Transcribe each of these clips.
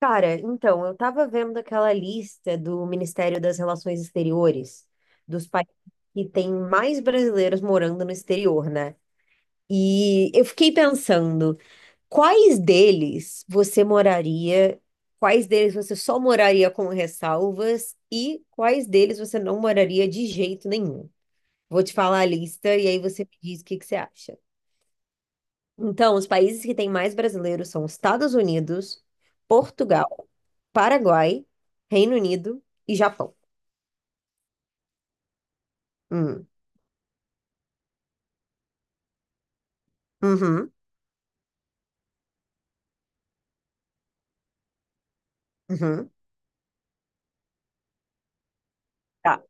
Cara, então, eu tava vendo aquela lista do Ministério das Relações Exteriores, dos países que tem mais brasileiros morando no exterior, né? E eu fiquei pensando, quais deles você moraria, quais deles você só moraria com ressalvas e quais deles você não moraria de jeito nenhum? Vou te falar a lista e aí você me diz o que que você acha. Então, os países que têm mais brasileiros são Estados Unidos, Portugal, Paraguai, Reino Unido e Japão. Hum. Uhum, uhum. Tá.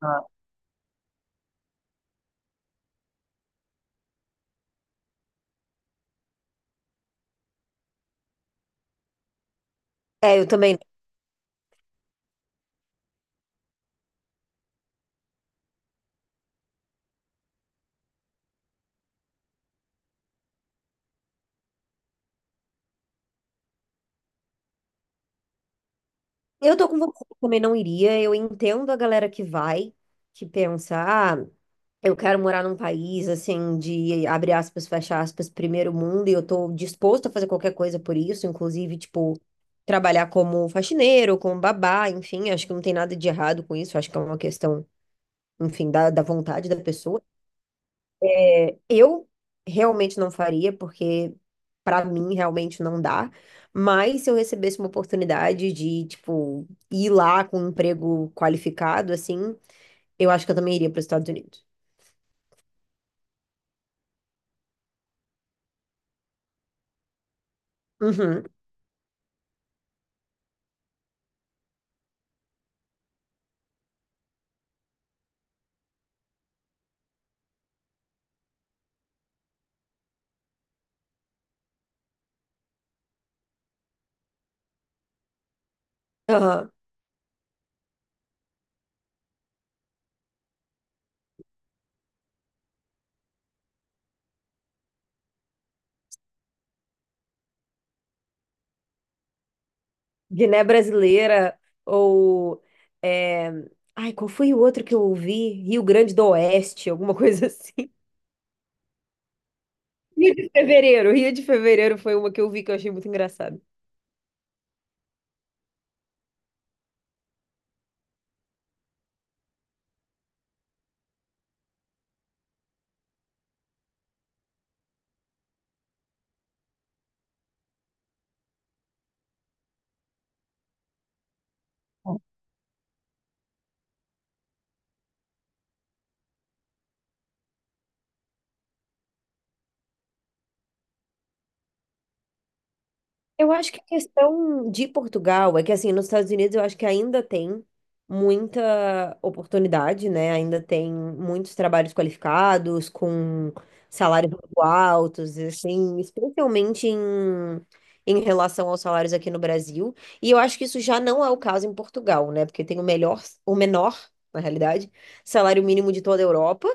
Ah. É, eu também. Eu tô com você, eu também não iria. Eu entendo a galera que vai, que pensa, ah, eu quero morar num país assim de abre aspas, fecha aspas, primeiro mundo, e eu tô disposto a fazer qualquer coisa por isso, inclusive, tipo, trabalhar como faxineiro, como babá, enfim, acho que não tem nada de errado com isso, acho que é uma questão enfim, da vontade da pessoa. É, eu realmente não faria, porque pra mim realmente não dá. Mas se eu recebesse uma oportunidade de, tipo, ir lá com um emprego qualificado, assim, eu acho que eu também iria para os Estados Unidos. Uhum. Aham. Guiné Brasileira ou. É, ai, qual foi o outro que eu ouvi? Rio Grande do Oeste, alguma coisa assim. Rio de Fevereiro. Rio de Fevereiro foi uma que eu vi que eu achei muito engraçada. Eu acho que a questão de Portugal é que, assim, nos Estados Unidos eu acho que ainda tem muita oportunidade, né? Ainda tem muitos trabalhos qualificados, com salários muito altos, assim, especialmente em relação aos salários aqui no Brasil. E eu acho que isso já não é o caso em Portugal, né? Porque tem o melhor, o menor, na realidade, salário mínimo de toda a Europa.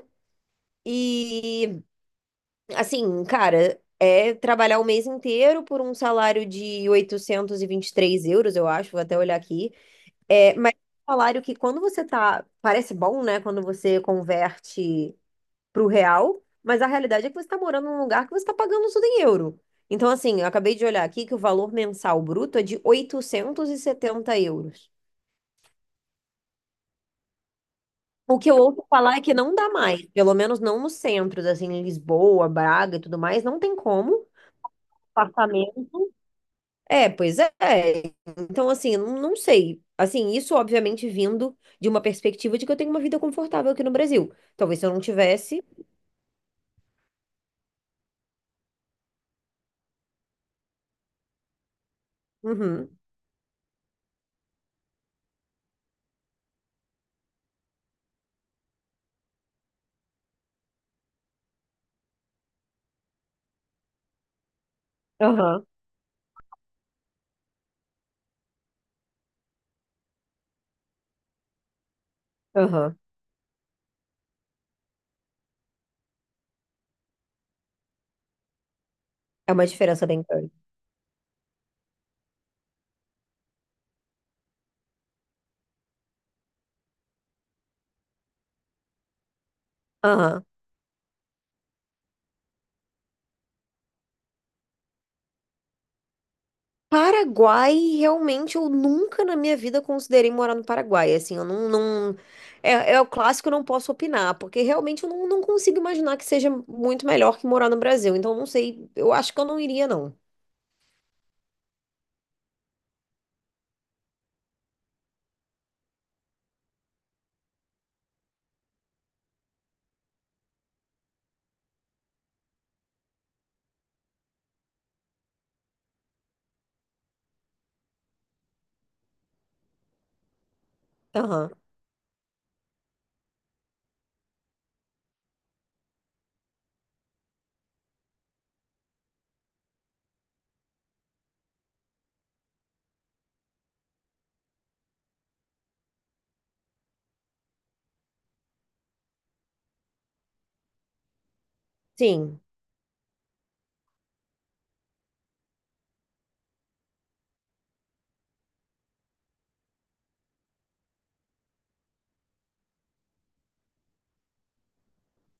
E assim, cara, é trabalhar o mês inteiro por um salário de oitocentos e vinte e três euros, eu acho, vou até olhar aqui. É, mas é um salário que quando você tá, parece bom, né? Quando você converte pro real, mas a realidade é que você tá morando num lugar que você tá pagando tudo em euro. Então, assim, eu acabei de olhar aqui que o valor mensal bruto é de 870 euros. O que eu ouço falar é que não dá mais, pelo menos não nos centros, assim, em Lisboa, Braga e tudo mais, não tem como. Apartamento. É, pois é. Então, assim, eu não não sei. Assim, isso obviamente vindo de uma perspectiva de que eu tenho uma vida confortável aqui no Brasil. Talvez se eu não tivesse. Uhum. Aham, aham. É uma diferença bem grande. Aham. Paraguai, realmente, eu nunca na minha vida considerei morar no Paraguai. Assim, eu não, não... É, é o clássico, eu não posso opinar, porque realmente eu não, não consigo imaginar que seja muito melhor que morar no Brasil. Então, eu não sei, eu acho que eu não iria, não. Aham. Sim,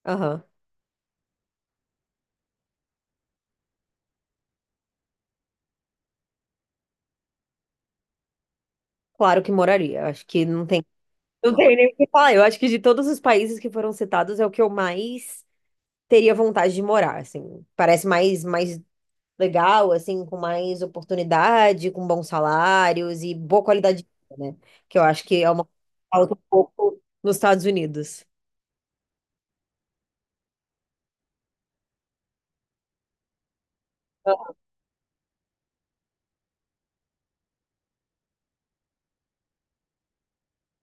aham. Claro que moraria. Acho que não tem. Não tenho nem o que falar. Eu acho que de todos os países que foram citados, é o que eu mais teria vontade de morar, assim. Parece mais, mais legal, assim, com mais oportunidade, com bons salários e boa qualidade de vida, né? Que eu acho que é uma coisa que falta um pouco nos Estados Unidos.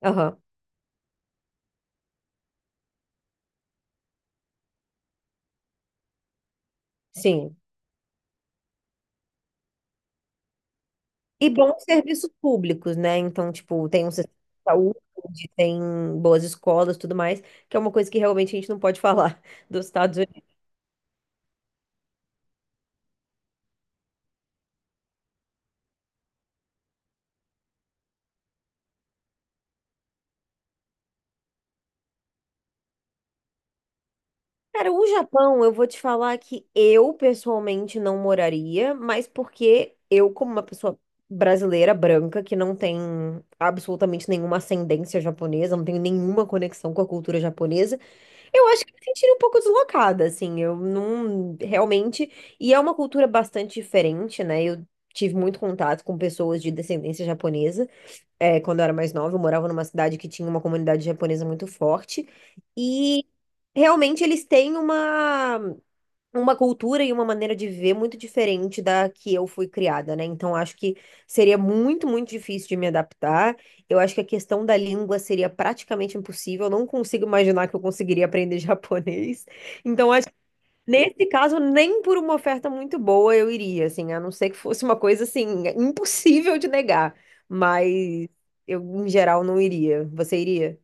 Aham, sim. E bons serviços públicos, né? Então, tipo, tem um sistema de saúde, tem boas escolas, tudo mais, que é uma coisa que realmente a gente não pode falar dos Estados Unidos. Cara, o Japão, eu vou te falar que eu pessoalmente não moraria, mas porque eu, como uma pessoa brasileira, branca, que não tem absolutamente nenhuma ascendência japonesa, não tenho nenhuma conexão com a cultura japonesa, eu acho que me sentiria um pouco deslocada, assim, eu não realmente. E é uma cultura bastante diferente, né? Eu tive muito contato com pessoas de descendência japonesa é, quando eu era mais nova, eu morava numa cidade que tinha uma comunidade japonesa muito forte. E realmente eles têm uma cultura e uma maneira de viver muito diferente da que eu fui criada, né? Então acho que seria muito, muito difícil de me adaptar. Eu acho que a questão da língua seria praticamente impossível. Eu não consigo imaginar que eu conseguiria aprender japonês. Então acho. Nesse caso, nem por uma oferta muito boa eu iria, assim, a não ser que fosse uma coisa assim impossível de negar, mas eu em geral não iria. Você iria?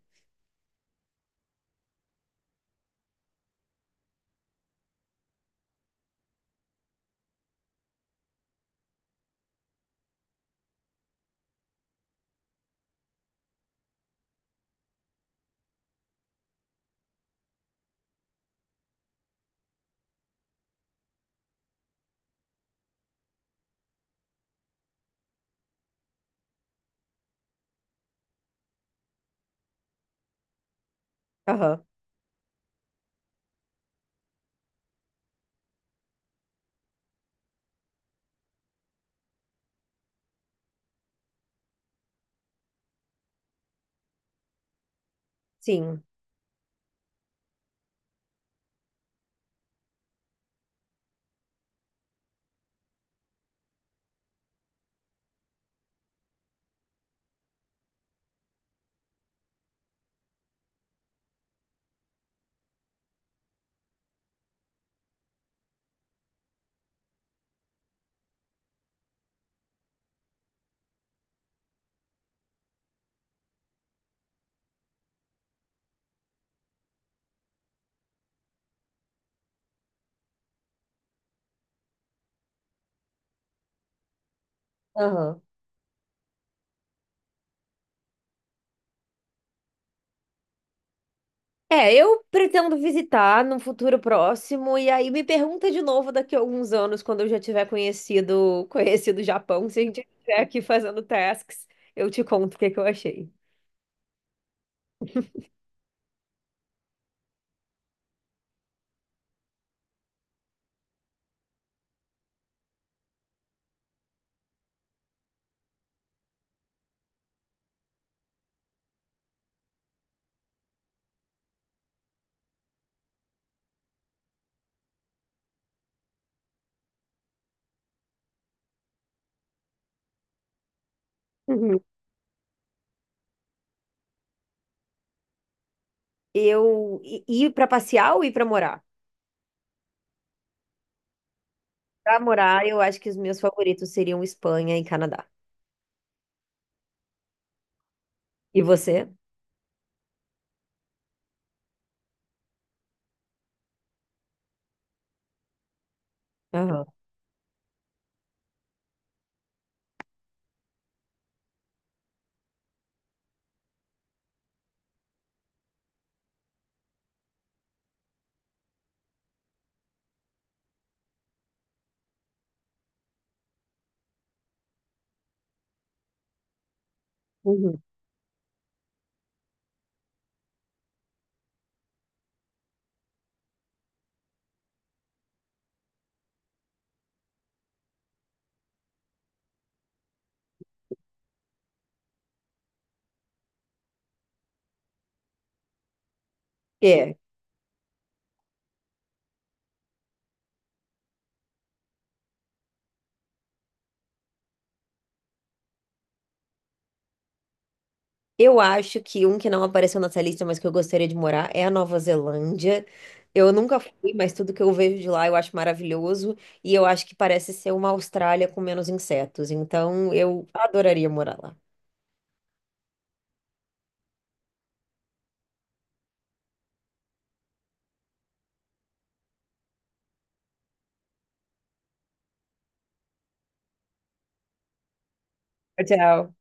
Aham. Sim. Aham. É, eu pretendo visitar num futuro próximo e aí me pergunta de novo daqui a alguns anos quando eu já tiver conhecido o Japão, se a gente estiver aqui fazendo tasks, eu te conto o que que eu achei. Uhum. Eu e- ir para passear ou ir para morar? Pra morar, eu acho que os meus favoritos seriam Espanha e Canadá. E você? Aham. Uhum. É. Eu acho que um que não apareceu nessa lista, mas que eu gostaria de morar, é a Nova Zelândia. Eu nunca fui, mas tudo que eu vejo de lá eu acho maravilhoso. E eu acho que parece ser uma Austrália com menos insetos. Então eu adoraria morar lá. Tchau.